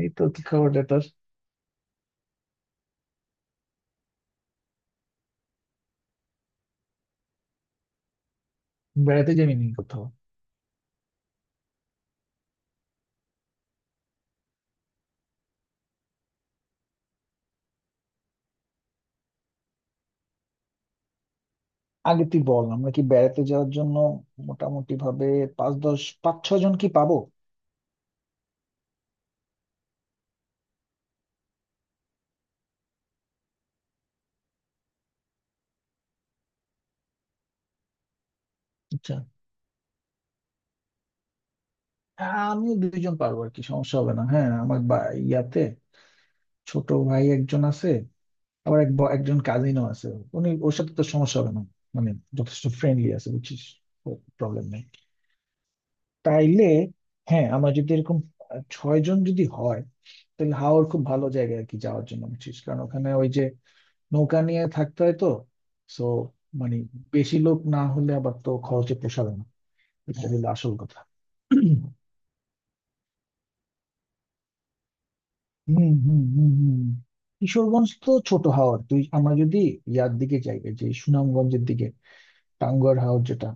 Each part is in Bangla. এই তো কি খবর রে তোর? বেড়াতে যাবি নি কোথাও? আগে তুই বল, আমরা কি বেড়াতে যাওয়ার জন্য মোটামুটি ভাবে পাঁচ দশ, পাঁচ ছ জন কি পাবো? আচ্ছা। হ্যাঁ, আমিও দুইজন পারবো আর কি, সমস্যা হবে না। হ্যাঁ, আমার ইয়াতে ছোট ভাই একজন আছে। আবার একজন কাজিনও আছে। উনি ওর সাথে তো সমস্যা হবে না, মানে যথেষ্ট ফ্রেন্ডলি আছে, বুঝছিস। প্রবলেম নেই তাইলে। হ্যাঁ, আমরা যদি এরকম ছয় জন যদি হয়, তাহলে হাওড় খুব ভালো জায়গা আর কি যাওয়ার জন্য, বুঝছিস, কারণ ওখানে ওই যে নৌকা নিয়ে থাকতে হয় তো। সো মানে, বেশি লোক না হলে আবার তো খরচে পোষাবে না, এটা হলো আসল কথা। হুম, হুম, হুম, হুম। কিশোরগঞ্জ তো ছোট হাওর, তুই, আমরা যদি ইয়ার দিকে যাই, এই যে সুনামগঞ্জের দিকে, টাঙ্গুয়ার হাওর যেটা,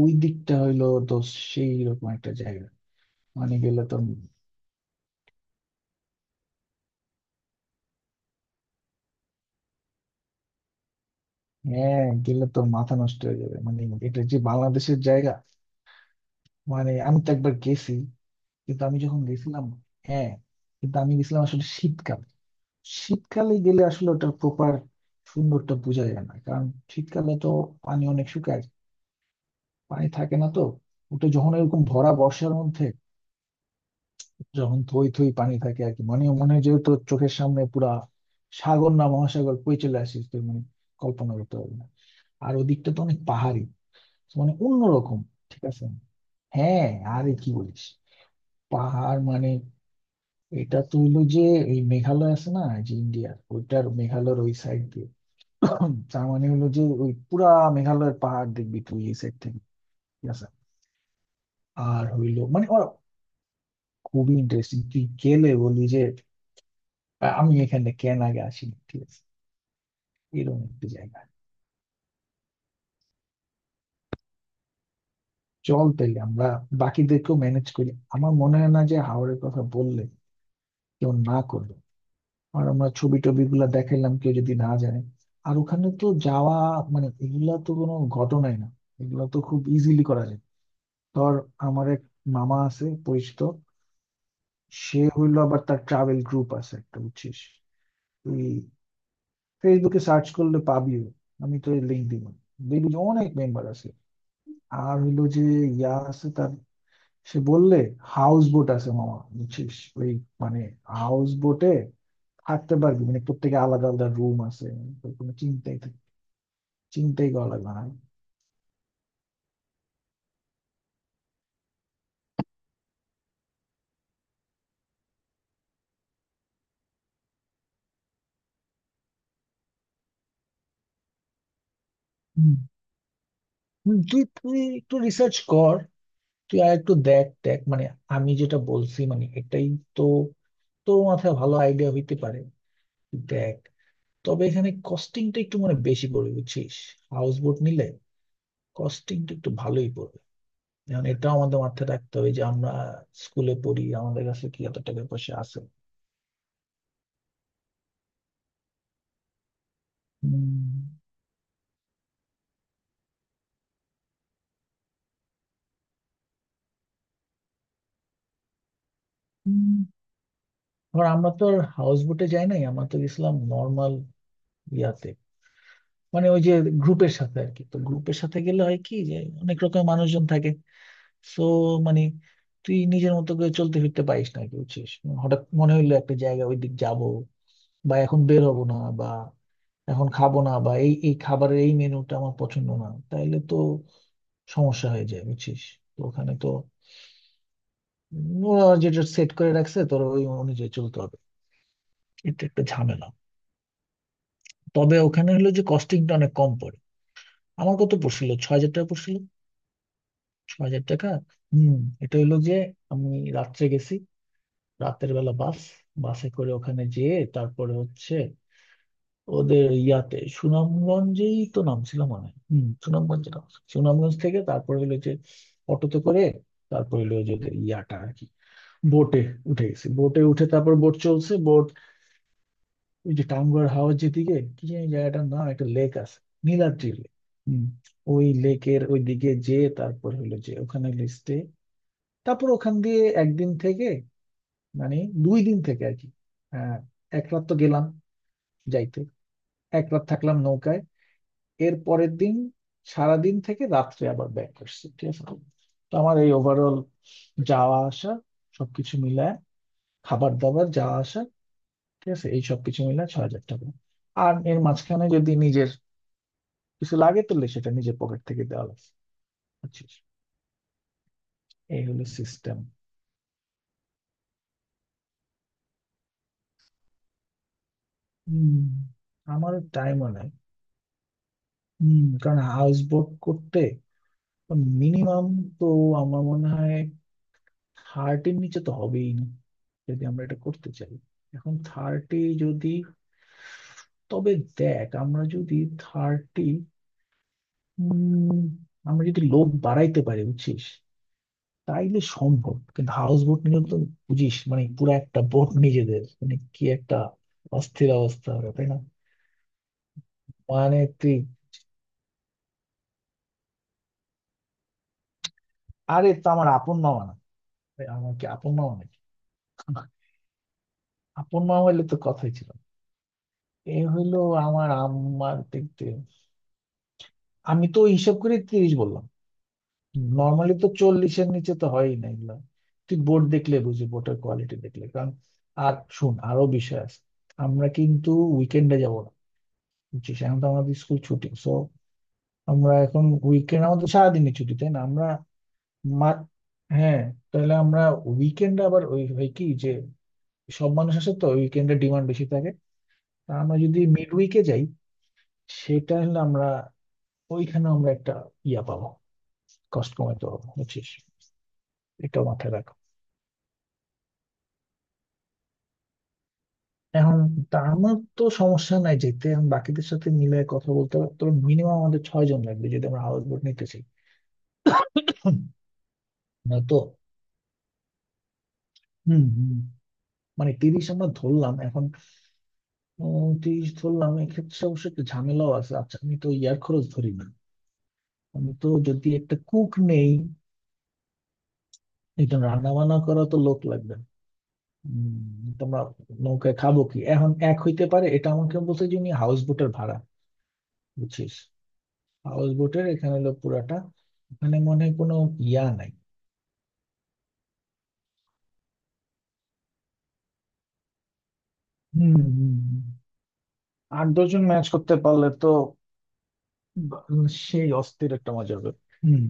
ওই দিকটা হইলো তো সেই রকম একটা জায়গা, মানে গেলে তো। হ্যাঁ, গেলে তো মাথা নষ্ট হয়ে যাবে, মানে এটা যে বাংলাদেশের জায়গা। মানে আমি তো একবার গেছি। কিন্তু আমি যখন গেছিলাম, হ্যাঁ, কিন্তু আমি গেছিলাম আসলে শীতকাল। শীতকালে গেলে আসলে ওটার প্রপার সুন্দরটা বোঝা যায় না, কারণ শীতকালে তো পানি অনেক শুকায়, পানি থাকে না তো। ওটা যখন এরকম ভরা বর্ষার মধ্যে, যখন থই থই পানি থাকে আর কি, মানে মনে হয় যে তোর চোখের সামনে পুরা সাগর না মহাসাগর বয়ে চলে আসিস তুই, মানে কল্পনা করতে পারবি না। আর ওদিকটা তো অনেক পাহাড়ি, মানে অন্যরকম। ঠিক আছে, হ্যাঁ। আরে কি বলিস, পাহাড় মানে এটা তো হইলো যে এই মেঘালয় আছে না, যে ইন্ডিয়ার ওইটার মেঘালয়ের ওই সাইড দিয়ে। তার মানে হলো যে ওই পুরা মেঘালয়ের পাহাড় দেখবি তুই এই সাইড থেকে, ঠিক আছে। আর হইলো মানে ওরা, খুবই ইন্টারেস্টিং, তুই গেলে বলি যে আমি এখানে কেন আগে আসিনি, ঠিক আছে, এরকম একটি জায়গা। চল তাইলে আমরা বাকিদেরকেও ম্যানেজ করি। আমার মনে হয় না যে হাওড়ের কথা বললে কেউ না করবে। আর আমরা ছবি টবি গুলা দেখাইলাম, কেউ যদি না জানে। আর ওখানে তো যাওয়া, মানে এগুলা তো কোনো ঘটনাই না, এগুলা তো খুব ইজিলি করা যায়। ধর, আমার এক মামা আছে পরিচিত। সে হইলো, আবার তার ট্রাভেল গ্রুপ আছে একটা, বুঝছিস। তুই ফেসবুকে সার্চ করলে পাবিও, আমি তো লিঙ্ক দিব, দেখবি যে অনেক মেম্বার আছে। আর হইলো যে ইয়া আছে তার, সে বললে হাউস বোট আছে মামা, বুঝছিস, ওই মানে হাউস বোটে থাকতে পারবি, মানে প্রত্যেকে আলাদা আলাদা রুম আছে। তোর কোনো চিন্তাই করা লাগবে না। হুম, হুম, তুই তুই একটু রিসার্চ কর, তুই আর একটু দেখ দেখ, মানে আমি যেটা বলছি মানে এটাই, তো তোর মাথায় ভালো আইডিয়া হইতে পারে, দেখ। তবে এখানে কস্টিংটা একটু মানে বেশি পড়বে, বুঝছিস, হাউস বোট নিলে কস্টিংটা একটু ভালোই পড়বে। এখন এটাও আমাদের মাথায় রাখতে হবে যে আমরা স্কুলে পড়ি, আমাদের কাছে কি এত টাকা পয়সা আছে। উম, উম, ধর আমরা তো হাউস বোটে যাই নাই, আমরা তো গেছিলাম নর্মাল ইয়াতে, মানে ওই যে গ্রুপের সাথে আর কি। তো গ্রুপের সাথে গেলে হয় কি যে অনেক রকম মানুষজন থাকে। সো মানে তুই নিজের মতো করে চলতে ফিরতে পারিস না আর কি, বুঝছিস। হঠাৎ মনে হইলো একটা জায়গা ওই দিক যাবো, বা এখন বের হবো না, বা এখন খাবো না, বা এই এই খাবারের এই মেনুটা আমার পছন্দ না, তাইলে তো সমস্যা হয়ে যায়, বুঝছিস। তো ওখানে তো ওরা যেটা সেট করে রাখছে তোর, ওই অনুযায়ী চলতে হবে, এটা একটা ঝামেলা। তবে ওখানে হলো যে কস্টিংটা অনেক কম পড়ে। আমার কত পড়ছিল? 6,000 টাকা পড়ছিল, ছয় হাজার টাকা। হম। এটা হলো যে আমি রাত্রে গেছি, রাতের বেলা বাসে করে ওখানে যেয়ে, তারপরে হচ্ছে ওদের ইয়াতে, সুনামগঞ্জেই তো নামছিল মনে হয়, হম, সুনামগঞ্জে নামছিল। সুনামগঞ্জ থেকে তারপরে হলো যে অটোতে করে, তারপরে হলো যে ওদের ইয়াটা আর কি, বোটে উঠে গেছি, বোটে উঠে তারপর বোট চলছে বোট। ওই যে টাঙ্গুয়ার হাওর, যেদিকে কি জানি জায়গাটার নাম, একটা লেক আছে, নীলাদ্রি লেক। হম। ওই লেকের ওই দিকে যে, তারপর হলো যে ওখানে লিস্টে, তারপর ওখান দিয়ে একদিন থেকে, মানে দুই দিন থেকে আর কি। আহ এক রাত তো গেলাম যাইতে, এক রাত থাকলাম নৌকায়, এর পরের দিন সারাদিন থেকে রাত্রে আবার ব্যাক আসছি, ঠিক আছে। তো আমার এই ওভারঅল যাওয়া আসা সবকিছু মিলায়, খাবার দাবার যাওয়া আসা, ঠিক আছে, এই সবকিছু মিলায় 6,000 টাকা। আর এর মাঝখানে যদি নিজের কিছু লাগে তাহলে সেটা নিজের পকেট থেকে দেওয়া লাগছে। বুঝছিস? এই হলো সিস্টেম। হম। আমারও তাই মনে হয়। হম, কারণ হাউস বোট করতে মিনিমাম তো আমার মনে হয় 30-এর নিচে তো হবেই না, যদি আমরা এটা করতে চাই। এখন 30, যদি, তবে দেখ, আমরা যদি 30, আমরা যদি লোক বাড়াইতে পারি, বুঝছিস, তাইলে সম্ভব। কিন্তু হাউস বোট নিলে তো বুঝিস মানে পুরো একটা বোট নিজেদের, মানে কি একটা অস্থির অবস্থা হবে তাই না, মানে তুই। আরে, তো আমার আপন মামা না, এই আমার কি আপন মামা নাকি। আপন মামা হইলে তো কথাই ছিল না। এ হইলো আমার আমার দেখতে, আমি তো হিসাব করে 30 বললাম। নর্মালি তো 40-এর নিচে তো হয়ই না এগুলো। তুই বোর্ড দেখলে বুঝি বোর্ডের কোয়ালিটি দেখলে, কারণ আর শুন আরো বিষয় আছে। আমরা কিন্তু উইকেন্ডে যাব না, বুঝছিস, এখন তো আমাদের স্কুল ছুটি, সো আমরা এখন উইকেন্ড আমাদের সারাদিনই ছুটি তাই না আমরা, মার, হ্যাঁ। তাহলে আমরা উইকেন্ডে আবার ওই হয় কি যে সব মানুষ আসে তো উইকেন্ডে, ডিমান্ড বেশি থাকে। তা আমরা যদি মিড উইকে যাই, সেটা হলে আমরা ওইখানে আমরা একটা ইয়া পাবো, কষ্ট কমাইতে পারবো, বুঝছিস, এটা মাথায় রাখ। এখন তা আমার তো সমস্যা নাই যেতে, এখন বাকিদের সাথে মিলে কথা বলতে হবে। তবে মিনিমাম আমাদের ছয় জন লাগবে যদি আমরা হাউস বোট নিতে চাই। হুম। নয়তো। হুম, হুম। মানে 30 আমরা ধরলাম এখন, 30 ধরলাম, এক্ষেত্রে অবশ্য একটু ঝামেলাও আছে। আচ্ছা আমি তো ইয়ার খরচ ধরি না, আমি তো যদি একটা কুক নেই, একজন রান্না বান্না করা তো লোক লাগবে। উম, তোমরা নৌকায় খাবো কি এখন, এক হইতে পারে এটা আমাকে বলছে যে উনি হাউস বোটের ভাড়া, বুঝছিস, হাউস বোটের এখানে হলো পুরাটা, মানে মনে হয় কোনো ইয়া নাই। হম, হম, আট দশজন ম্যাচ করতে পারলে তো, বা- সেই অস্থির একটা মজা হবে। হম।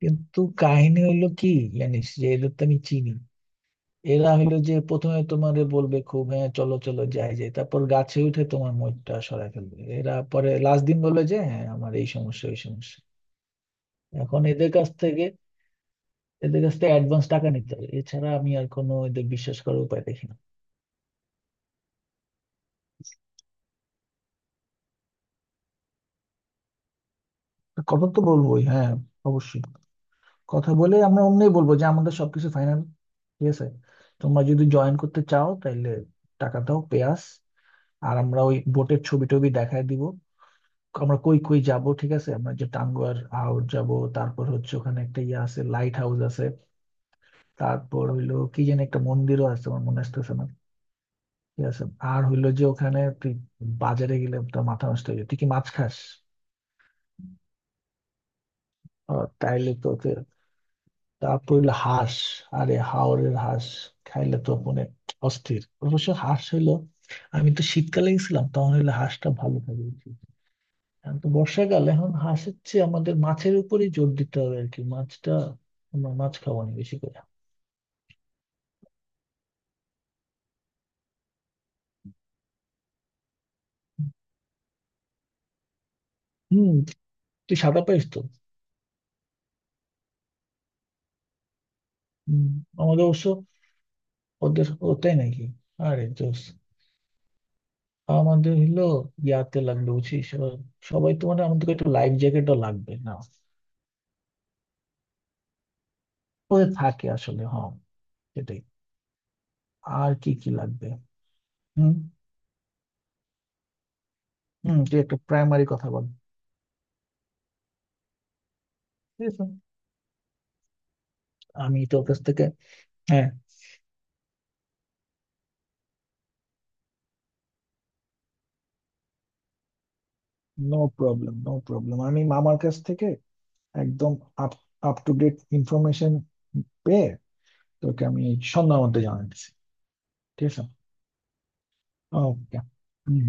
কিন্তু কাহিনী হইলো কি জানিস, যে এদের তো আমি চিনি। এরা হইলো যে প্রথমে তোমারে বলবে খুব, হ্যাঁ চলো চলো যাই যাই, তারপর গাছে উঠে তোমার মইটা সরায় ফেলবে এরা, পরে লাস্ট দিন বলে যে হ্যাঁ আমার এই সমস্যা ওই সমস্যা। এখন এদের কাছ থেকে অ্যাডভান্স টাকা নিতে হবে, এছাড়া আমি আর কোনো এদের বিশ্বাস করার উপায় দেখি না। কথা তো বলবোই, হ্যাঁ, অবশ্যই। কথা বলে আমরা অমনি বলবো যে আমাদের সবকিছু ফাইনাল, ঠিক আছে, তোমরা যদি জয়েন করতে চাও তাহলে টাকা দাও পেয়াস। আর আমরা ওই বোটের ছবি টবি দেখায় দিব। আমরা কই কই যাব, ঠিক আছে, আমরা যে টাঙ্গুয়ার আউট যাব। তারপর হচ্ছে ওখানে একটা ইয়ে আছে, লাইট হাউস আছে। তারপর হইলো কি যেন একটা মন্দিরও আছে, আমার মনে আসতেছে না, ঠিক আছে। আর হইলো যে ওখানে তুই বাজারে গেলে তোর মাথা নষ্ট হয়ে যায়। তুই কি মাছ খাস? তাইলে তো, তারপর হইলো হাঁস। আরে হাওরের হাঁস খাইলে তো মানে অস্থির, অবশ্য হাঁস হইলো, আমি তো শীতকালে গেছিলাম তখন হইলো হাঁসটা ভালো থাকে বেশি। এখন তো বর্ষাকাল, এখন হাঁসের চেয়ে আমাদের মাছের উপরেই জোর দিতে হবে আর কি, মাছটা, আমরা মাছ খাবো না বেশি করে। হম। তুই সাদা পাইস তো? হম। আমাদের অবশ্য, ওদের, ও তাই নাকি, আরে জোস। আমাদের হইলো ইয়াতে লাগবে, বুঝছিস, ও সবাই তো মানে আমাদের একটা লাইফ জ্যাকেটও লাগবে না। ওদের থাকে আসলে, হ্যাঁ সেটাই। আর কি কি লাগবে। হুম, হুম, তুই একটা প্রাইমারি কথা বল, ঠিক আছে, আমি তোর কাছ থেকে, হ্যাঁ, নো প্রবলেম, নো প্রবলেম। আমি মামার কাছ থেকে একদম up up to date information পেয়ে তোকে আমি সন্ধ্যার মধ্যে জানাচ্ছি। ঠিক আছে। ওকে। হুম।